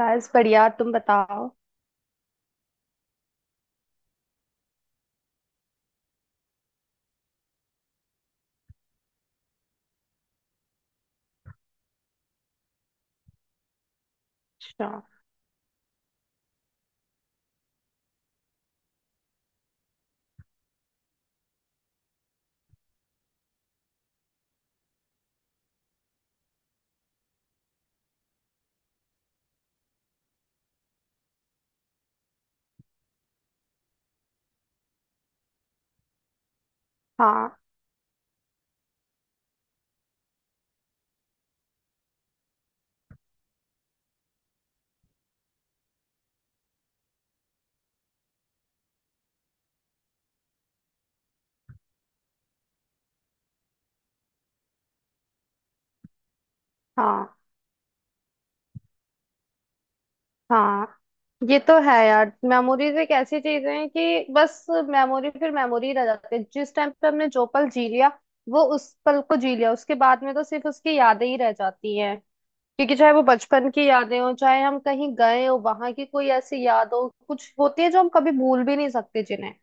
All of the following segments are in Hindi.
बस बढ़िया, तुम बताओ। अच्छा। हाँ, हाँ, हाँ, ये तो है यार। मेमोरीज एक ऐसी चीज है कि बस मेमोरी फिर मेमोरी रह जाती है। जिस टाइम पे हमने जो पल जी लिया, वो उस पल को जी लिया, उसके बाद में तो सिर्फ उसकी यादें ही रह जाती हैं। क्योंकि चाहे वो बचपन की यादें हो, चाहे हम कहीं गए हो वहां की कोई ऐसी याद हो, कुछ होती है जो हम कभी भूल भी नहीं सकते जिन्हें।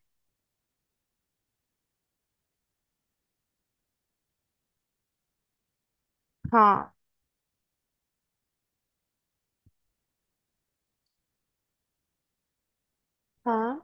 हाँ, हाँ,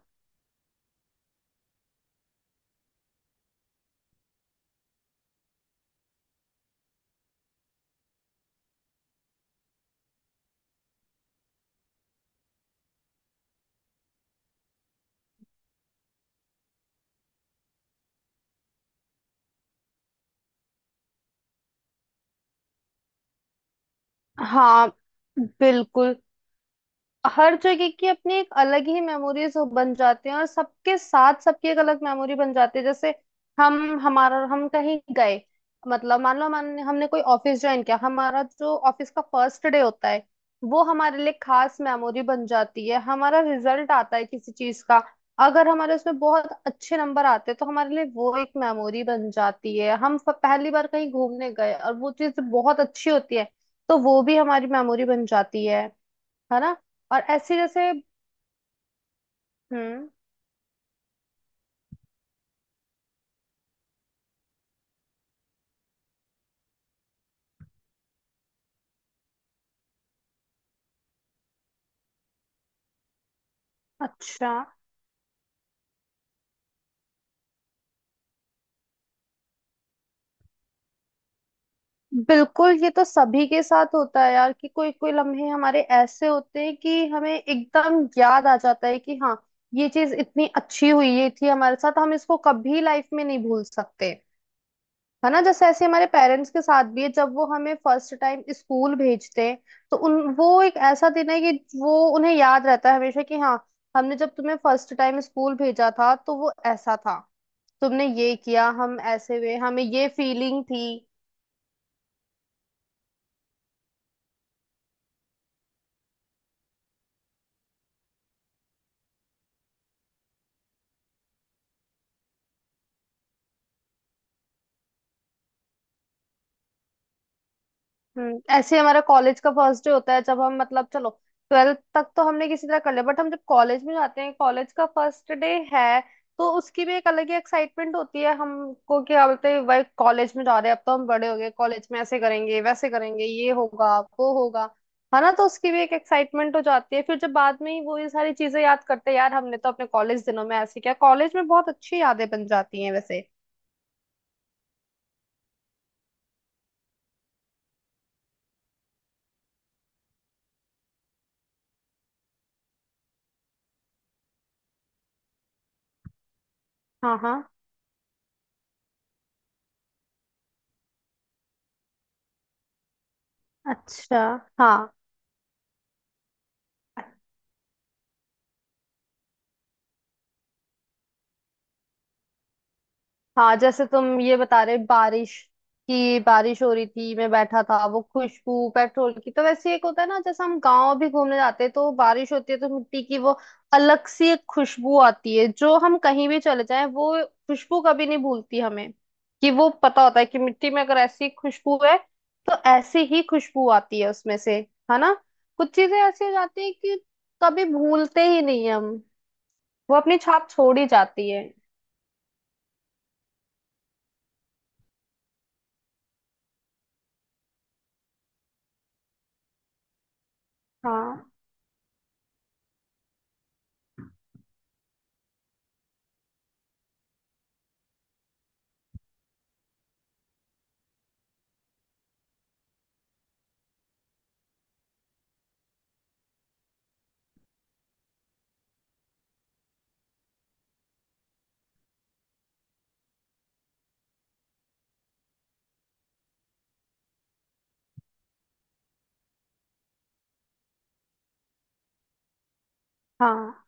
हाँ, बिल्कुल। हर जगह की अपनी एक अलग ही मेमोरीज बन जाती हैं, और सबके साथ सबकी एक अलग मेमोरी बन जाती है। जैसे हम कहीं गए, मतलब मान लो हमने हमने कोई ऑफिस ज्वाइन किया, हमारा जो ऑफिस का फर्स्ट डे होता है वो हमारे लिए खास मेमोरी बन जाती है। हमारा रिजल्ट आता है किसी चीज का, अगर हमारे उसमें बहुत अच्छे नंबर आते हैं, तो हमारे लिए वो एक मेमोरी बन जाती है। हम पहली बार कहीं घूमने गए और वो चीज बहुत अच्छी होती है, तो वो भी हमारी मेमोरी बन जाती है। है ना? और ऐसे जैसे। हम्म। अच्छा। बिल्कुल, ये तो सभी के साथ होता है यार। कि कोई कोई लम्हे हमारे ऐसे होते हैं कि हमें एकदम याद आ जाता है कि हाँ, ये चीज इतनी अच्छी हुई, ये थी हमारे साथ, हम इसको कभी लाइफ में नहीं भूल सकते। है ना? जैसे ऐसे हमारे पेरेंट्स के साथ भी है, जब वो हमें फर्स्ट टाइम स्कूल भेजते हैं, तो उन वो एक ऐसा दिन है कि वो उन्हें याद रहता है हमेशा। कि हाँ, हमने जब तुम्हें फर्स्ट टाइम स्कूल भेजा था तो वो ऐसा था, तुमने ये किया, हम ऐसे हुए, हमें ये फीलिंग थी। हम्म। ऐसे हमारा कॉलेज का फर्स्ट डे होता है। जब हम मतलब, चलो ट्वेल्थ तक तो हमने किसी तरह कर लिया, बट हम जब कॉलेज में जाते हैं, कॉलेज का फर्स्ट डे है, तो उसकी भी एक अलग ही एक्साइटमेंट होती है। हमको क्या बोलते हैं, भाई कॉलेज में जा रहे हैं, अब तो हम बड़े हो गए, कॉलेज में ऐसे करेंगे, वैसे करेंगे, ये होगा, वो होगा। है ना? तो उसकी भी एक एक्साइटमेंट हो जाती है। फिर जब बाद में ही वो ये सारी चीजें याद करते हैं, यार हमने तो अपने कॉलेज दिनों में ऐसे किया। कॉलेज में बहुत अच्छी यादें बन जाती हैं वैसे। हाँ, हाँ। अच्छा। हाँ, हाँ, जैसे तुम ये बता रहे बारिश की, बारिश हो रही थी, मैं बैठा था, वो खुशबू पेट्रोल की। तो वैसे एक होता है ना, जैसे हम गांव भी घूमने जाते हैं तो बारिश होती है, तो मिट्टी की वो अलग सी एक खुशबू आती है, जो हम कहीं भी चले जाएं वो खुशबू कभी नहीं भूलती हमें। कि वो पता होता है कि मिट्टी में अगर ऐसी खुशबू है तो ऐसी ही खुशबू आती है उसमें से। है ना? कुछ चीजें ऐसी हो जाती है कि कभी भूलते ही नहीं हम। वो अपनी छाप छोड़ ही जाती है। हाँ, हाँ,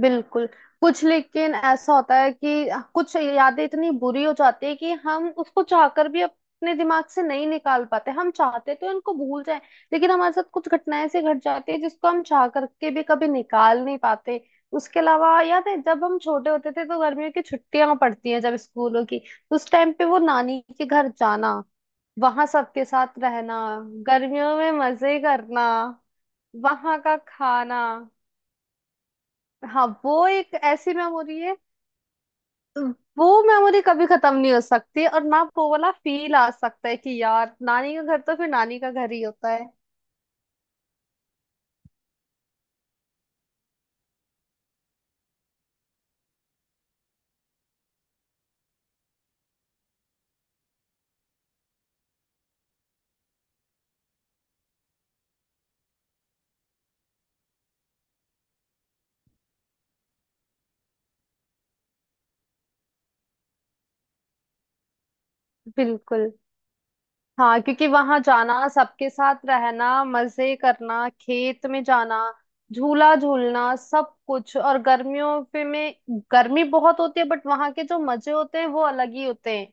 बिल्कुल। कुछ लेकिन ऐसा होता है कि कुछ यादें इतनी बुरी हो जाती है कि हम उसको चाहकर भी अपने दिमाग से नहीं निकाल पाते। हम चाहते तो इनको भूल जाए, लेकिन हमारे साथ कुछ घटनाएं ऐसी घट जाती है जिसको हम चाह करके भी कभी निकाल नहीं पाते। उसके अलावा याद है जब हम छोटे होते थे, तो गर्मियों की छुट्टियां पड़ती हैं जब स्कूलों की, तो उस टाइम पे वो नानी के घर जाना, वहां सबके साथ रहना, गर्मियों में मजे करना, वहां का खाना। हाँ, वो एक ऐसी मेमोरी है। वो मेमोरी कभी खत्म नहीं हो सकती, और ना वो वाला फील आ सकता है कि यार नानी का घर तो फिर नानी का घर ही होता है। बिल्कुल। हाँ, क्योंकि वहां जाना, सबके साथ रहना, मजे करना, खेत में जाना, झूला झूलना, सब कुछ। और गर्मियों पे में गर्मी बहुत होती है बट वहां के जो मजे होते हैं वो अलग ही होते हैं।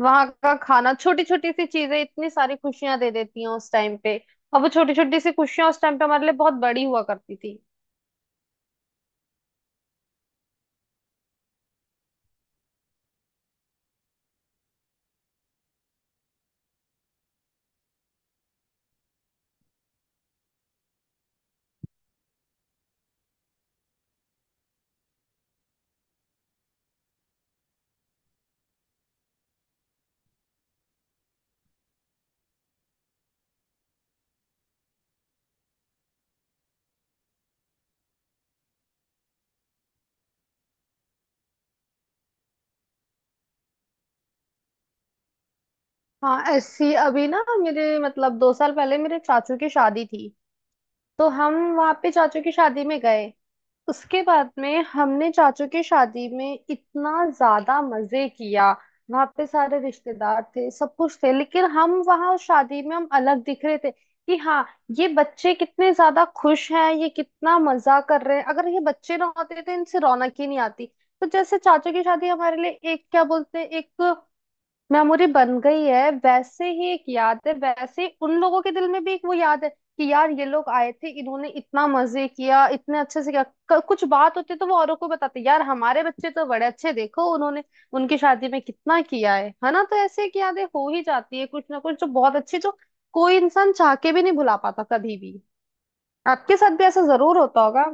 वहां का खाना, छोटी छोटी सी चीजें इतनी सारी खुशियां दे देती हैं उस टाइम पे। और वो छोटी छोटी सी खुशियां उस टाइम पे हमारे लिए बहुत बड़ी हुआ करती थी। हाँ, ऐसी अभी ना, मेरे मतलब 2 साल पहले मेरे चाचू की शादी थी, तो हम वहां पे चाचू की शादी में गए। उसके बाद में हमने चाचू की शादी में इतना ज्यादा मजे किया। वहां पे सारे रिश्तेदार थे, सब कुछ थे, लेकिन हम वहां उस शादी में हम अलग दिख रहे थे। कि हाँ, ये बच्चे कितने ज्यादा खुश हैं, ये कितना मजा कर रहे हैं, अगर ये बच्चे ना होते तो इनसे रौनक ही नहीं आती। तो जैसे चाचू की शादी हमारे लिए एक, क्या बोलते हैं, एक मेमोरी बन गई है। वैसे ही एक याद है, वैसे ही उन लोगों के दिल में भी एक वो याद है कि यार ये लोग आए थे, इन्होंने इतना मजे किया, इतने अच्छे से किया। कुछ बात होती तो वो औरों को बताते, यार हमारे बच्चे तो बड़े अच्छे, देखो उन्होंने उनकी शादी में कितना किया है। है ना? तो ऐसे एक यादें हो ही जाती है कुछ ना कुछ, जो बहुत अच्छी, जो कोई इंसान चाह के भी नहीं भुला पाता कभी भी। आपके साथ भी ऐसा जरूर होता होगा।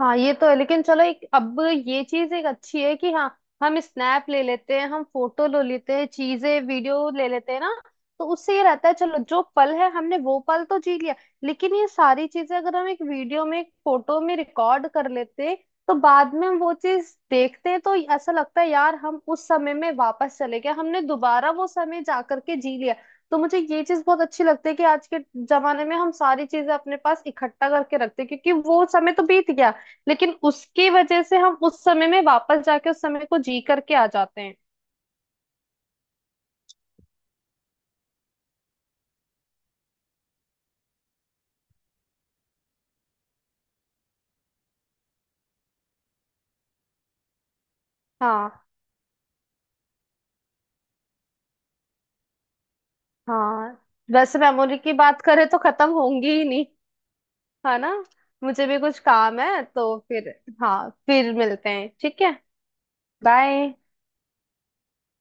हाँ, ये तो है, लेकिन चलो एक अब ये चीज एक अच्छी है कि हाँ, हम स्नैप ले लेते हैं, हम फोटो ले लेते हैं, चीजें वीडियो ले लेते हैं ना, तो उससे ये रहता है चलो जो पल है हमने वो पल तो जी लिया। लेकिन ये सारी चीजें अगर हम एक वीडियो में एक फोटो में रिकॉर्ड कर लेते, तो बाद में हम वो चीज देखते हैं तो ऐसा लगता है यार हम उस समय में वापस चले गए, हमने दोबारा वो समय जा करके जी लिया। तो मुझे ये चीज बहुत अच्छी लगती है कि आज के जमाने में हम सारी चीजें अपने पास इकट्ठा करके रखते हैं, क्योंकि वो समय तो बीत गया, लेकिन उसकी वजह से हम उस समय में वापस जाके उस समय को जी करके आ जाते हैं। हाँ। हाँ, वैसे मेमोरी की बात करें तो खत्म होंगी ही नहीं। है ना? मुझे भी कुछ काम है, तो फिर। हाँ, फिर मिलते हैं, ठीक है। बाय।